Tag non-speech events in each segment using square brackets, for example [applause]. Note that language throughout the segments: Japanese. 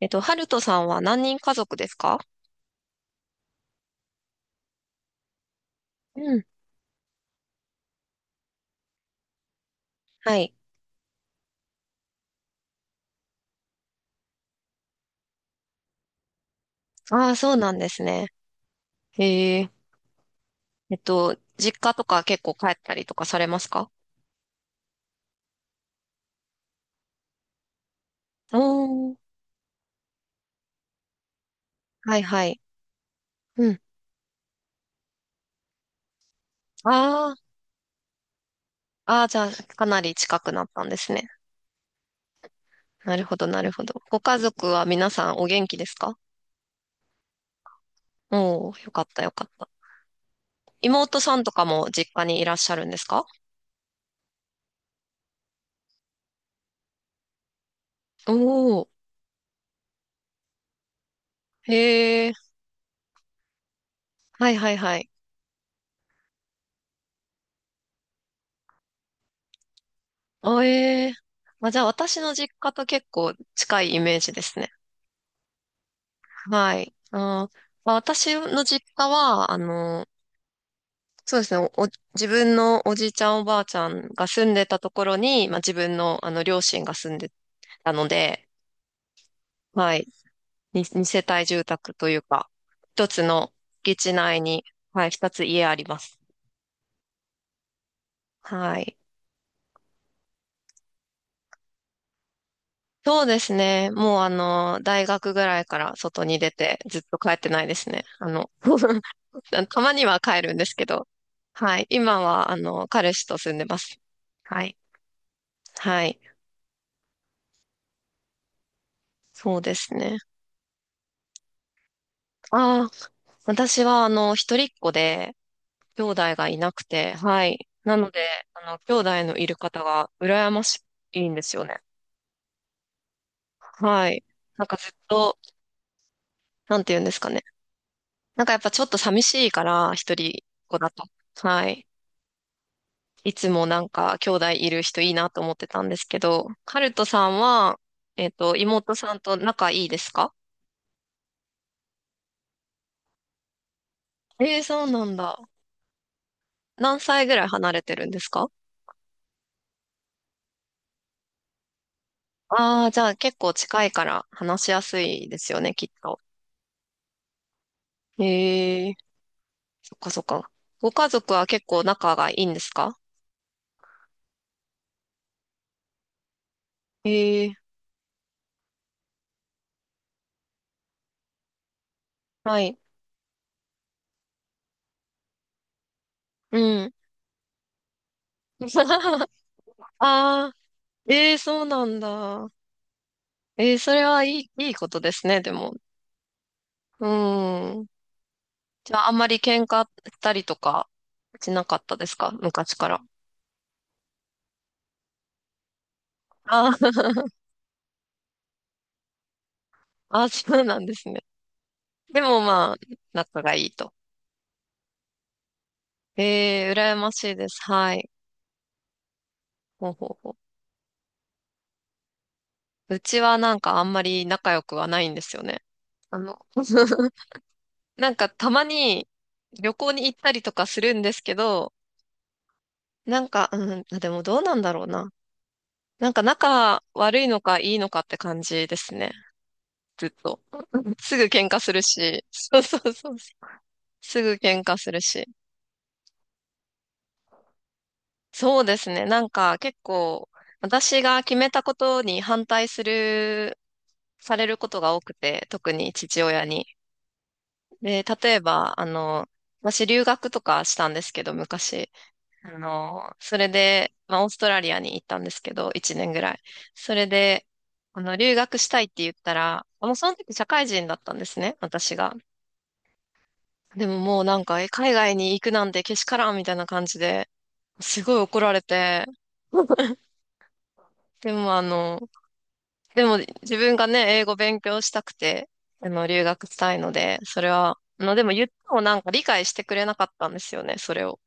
ハルトさんは何人家族ですか？うん。はい。ああ、そうなんですね。へえ。実家とか結構帰ったりとかされますか？おー。はいはい。うん。ああ、ああ、じゃあ、かなり近くなったんですね。なるほど、なるほど。ご家族は皆さんお元気ですか？おー、よかった、よかった。妹さんとかも実家にいらっしゃるんですか？おー。へえ。はいはいはい。あ、ええ。まあ、じゃあ、私の実家と結構近いイメージですね。はい。まあ、私の実家は、そうですね、自分のおじいちゃんおばあちゃんが住んでたところに、まあ、自分の、あの両親が住んでたので、はい、に二世帯住宅というか、一つの敷地内に、はい、二つ家あります。はい。そうですね。もう大学ぐらいから外に出てずっと帰ってないですね。[laughs] たまには帰るんですけど。はい。今は彼氏と住んでます。はい。はい。そうですね。ああ、私は一人っ子で兄弟がいなくて、はい。なので、兄弟のいる方が羨ましいんですよね。はい。なんかずっと、なんて言うんですかね。なんかやっぱちょっと寂しいから、一人っ子だと。はい。いつもなんか兄弟いる人いいなと思ってたんですけど、ハルトさんは、妹さんと仲いいですか？ええそうなんだ。何歳ぐらい離れてるんですか？ああー、じゃあ結構近いから話しやすいですよね、きっと。ええそっかそっか。ご家族は結構仲がいいんですか？ええはい。うん。[laughs] ああ、ええそうなんだ。ええそれはいい、いいことですね、でも。うん。じゃあ、あんまり喧嘩したりとかしなかったですか？昔から。あー [laughs] あー、そうなんですね。でもまあ、仲がいいと。ええー、羨ましいです。はい。ほうほうほう。うちはなんかあんまり仲良くはないんですよね。あの、[laughs] なんかたまに旅行に行ったりとかするんですけど、なんか、うん、あでもどうなんだろうな。なんか仲悪いのかいいのかって感じですね。ずっと。[laughs] すぐ喧嘩するし。そうそうそう。すぐ喧嘩するし。そうですね。なんか結構、私が決めたことに反対する、されることが多くて、特に父親に。で、例えば、私留学とかしたんですけど、昔。それで、まあ、オーストラリアに行ったんですけど、1年ぐらい。それで、留学したいって言ったら、もうその時社会人だったんですね、私が。でももうなんか、海外に行くなんてけしからんみたいな感じで、すごい怒られて、[laughs] でもあの、でも自分がね、英語勉強したくて、留学したいので、それは、でも言ってもなんか理解してくれなかったんですよね、それを。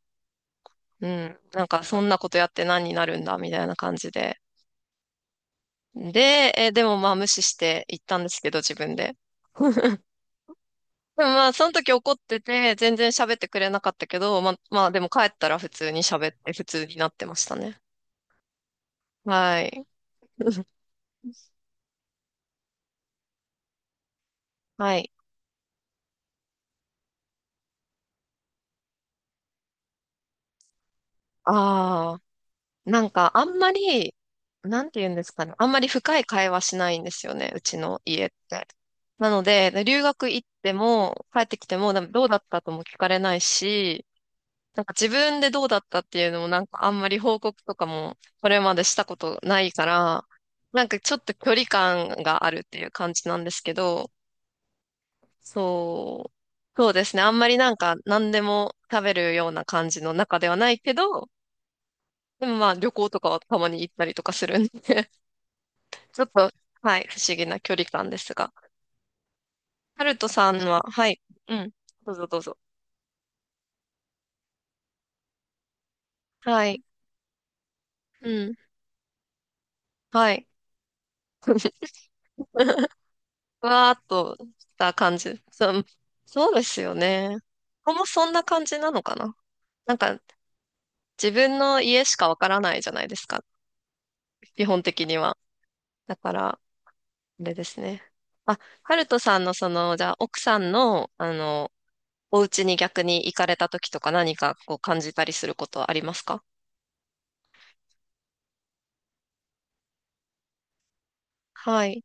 うん。なんかそんなことやって何になるんだ、みたいな感じで。で、でもまあ無視して行ったんですけど、自分で。[laughs] まあ、その時怒ってて、全然喋ってくれなかったけど、まあ、まあ、でも帰ったら普通に喋って、普通になってましたね。はい。[laughs] はい。ああ、なんか、あんまり、なんて言うんですかね。あんまり深い会話しないんですよね、うちの家って。なので、留学行っても、帰ってきても、でもどうだったとも聞かれないし、なんか自分でどうだったっていうのもなんかあんまり報告とかもこれまでしたことないから、なんかちょっと距離感があるっていう感じなんですけど、そう、そうですね。あんまりなんか何でも食べるような感じの中ではないけど、でもまあ旅行とかはたまに行ったりとかするんで [laughs] ちょっと、はい、不思議な距離感ですが。ハルトさんは、はい、うん、どうぞどうぞ。はい、うん、はい。[laughs] ふわーっとした感じ。そう、そうですよね。ここもそんな感じなのかな。なんか自分の家しかわからないじゃないですか。基本的には。だから、あれですね。あ、ハルトさんのその、じゃあ奥さんの、お家に逆に行かれた時とか何かこう感じたりすることはありますか？はい。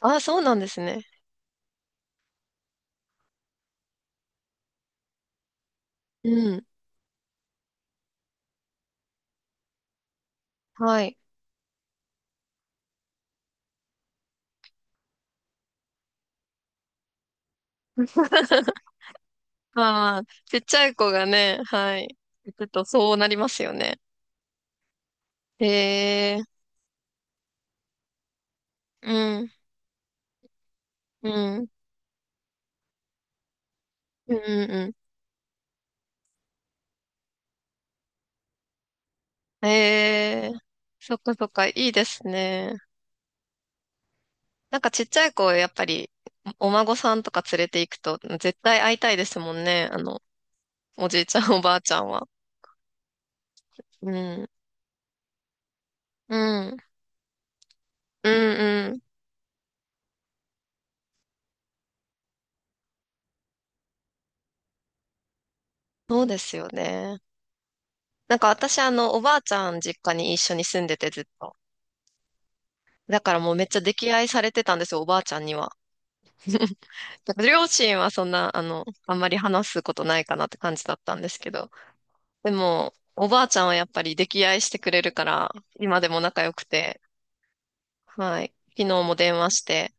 あ、そうなんですね。うん。はい。[laughs] まあまあ、ちっちゃい子がね、はい。行くとそうなりますよね。へえ。うん、うん、うん、うん。ええそっかそっか、いいですね。なんかちっちゃい子、やっぱり、お孫さんとか連れて行くと、絶対会いたいですもんね。おじいちゃん、おばあちゃんは。うん、うん、うん、うん。そうですよね。なんか私、おばあちゃん実家に一緒に住んでて、ずっと。だからもうめっちゃ溺愛されてたんですよ、おばあちゃんには。なんか両親はそんな、あんまり話すことないかなって感じだったんですけど。でも、おばあちゃんはやっぱり溺愛してくれるから、今でも仲良くて、はい。昨日も電話して、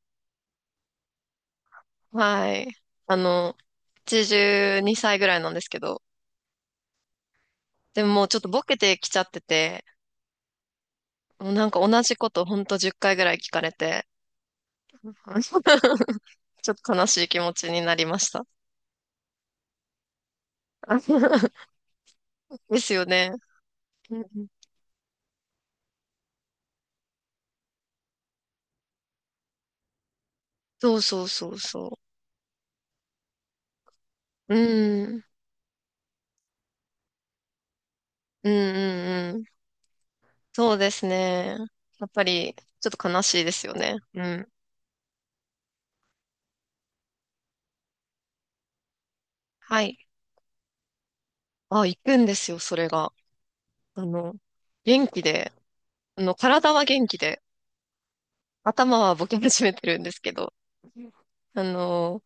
はい。あの、82歳ぐらいなんですけど、でももうちょっとボケてきちゃってて、もうなんか同じことほんと10回ぐらい聞かれて、[laughs] ちょっと悲しい気持ちになりました。[laughs] ですよね。うんそうそうそうそう。うん。うんうんうん。そうですね。やっぱり、ちょっと悲しいですよね。うん。はい。あ、行くんですよ、それが。あの、元気で、体は元気で、頭はボケ始めてるんですけど、あの、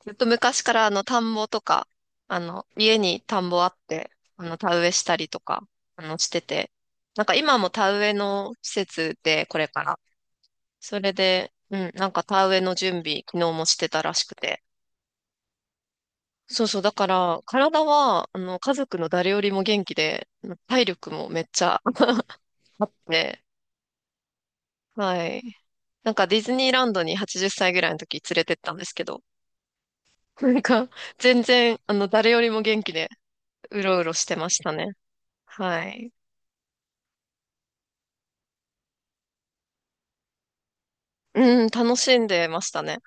ずっと昔から田んぼとか、家に田んぼあって、田植えしたりとか、してて、なんか今も田植えの施設で、これから。それで、うん、なんか田植えの準備、昨日もしてたらしくて。そうそう、だから、体は、家族の誰よりも元気で、体力もめっちゃあって、はい。なんかディズニーランドに80歳ぐらいの時連れてったんですけど、なんか全然、誰よりも元気でうろうろしてましたね。はい。うん、楽しんでましたね。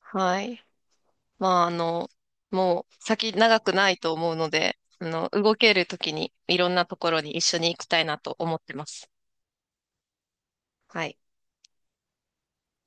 はい。まあ、もう先長くないと思うので、動ける時にいろんなところに一緒に行きたいなと思ってます。はい。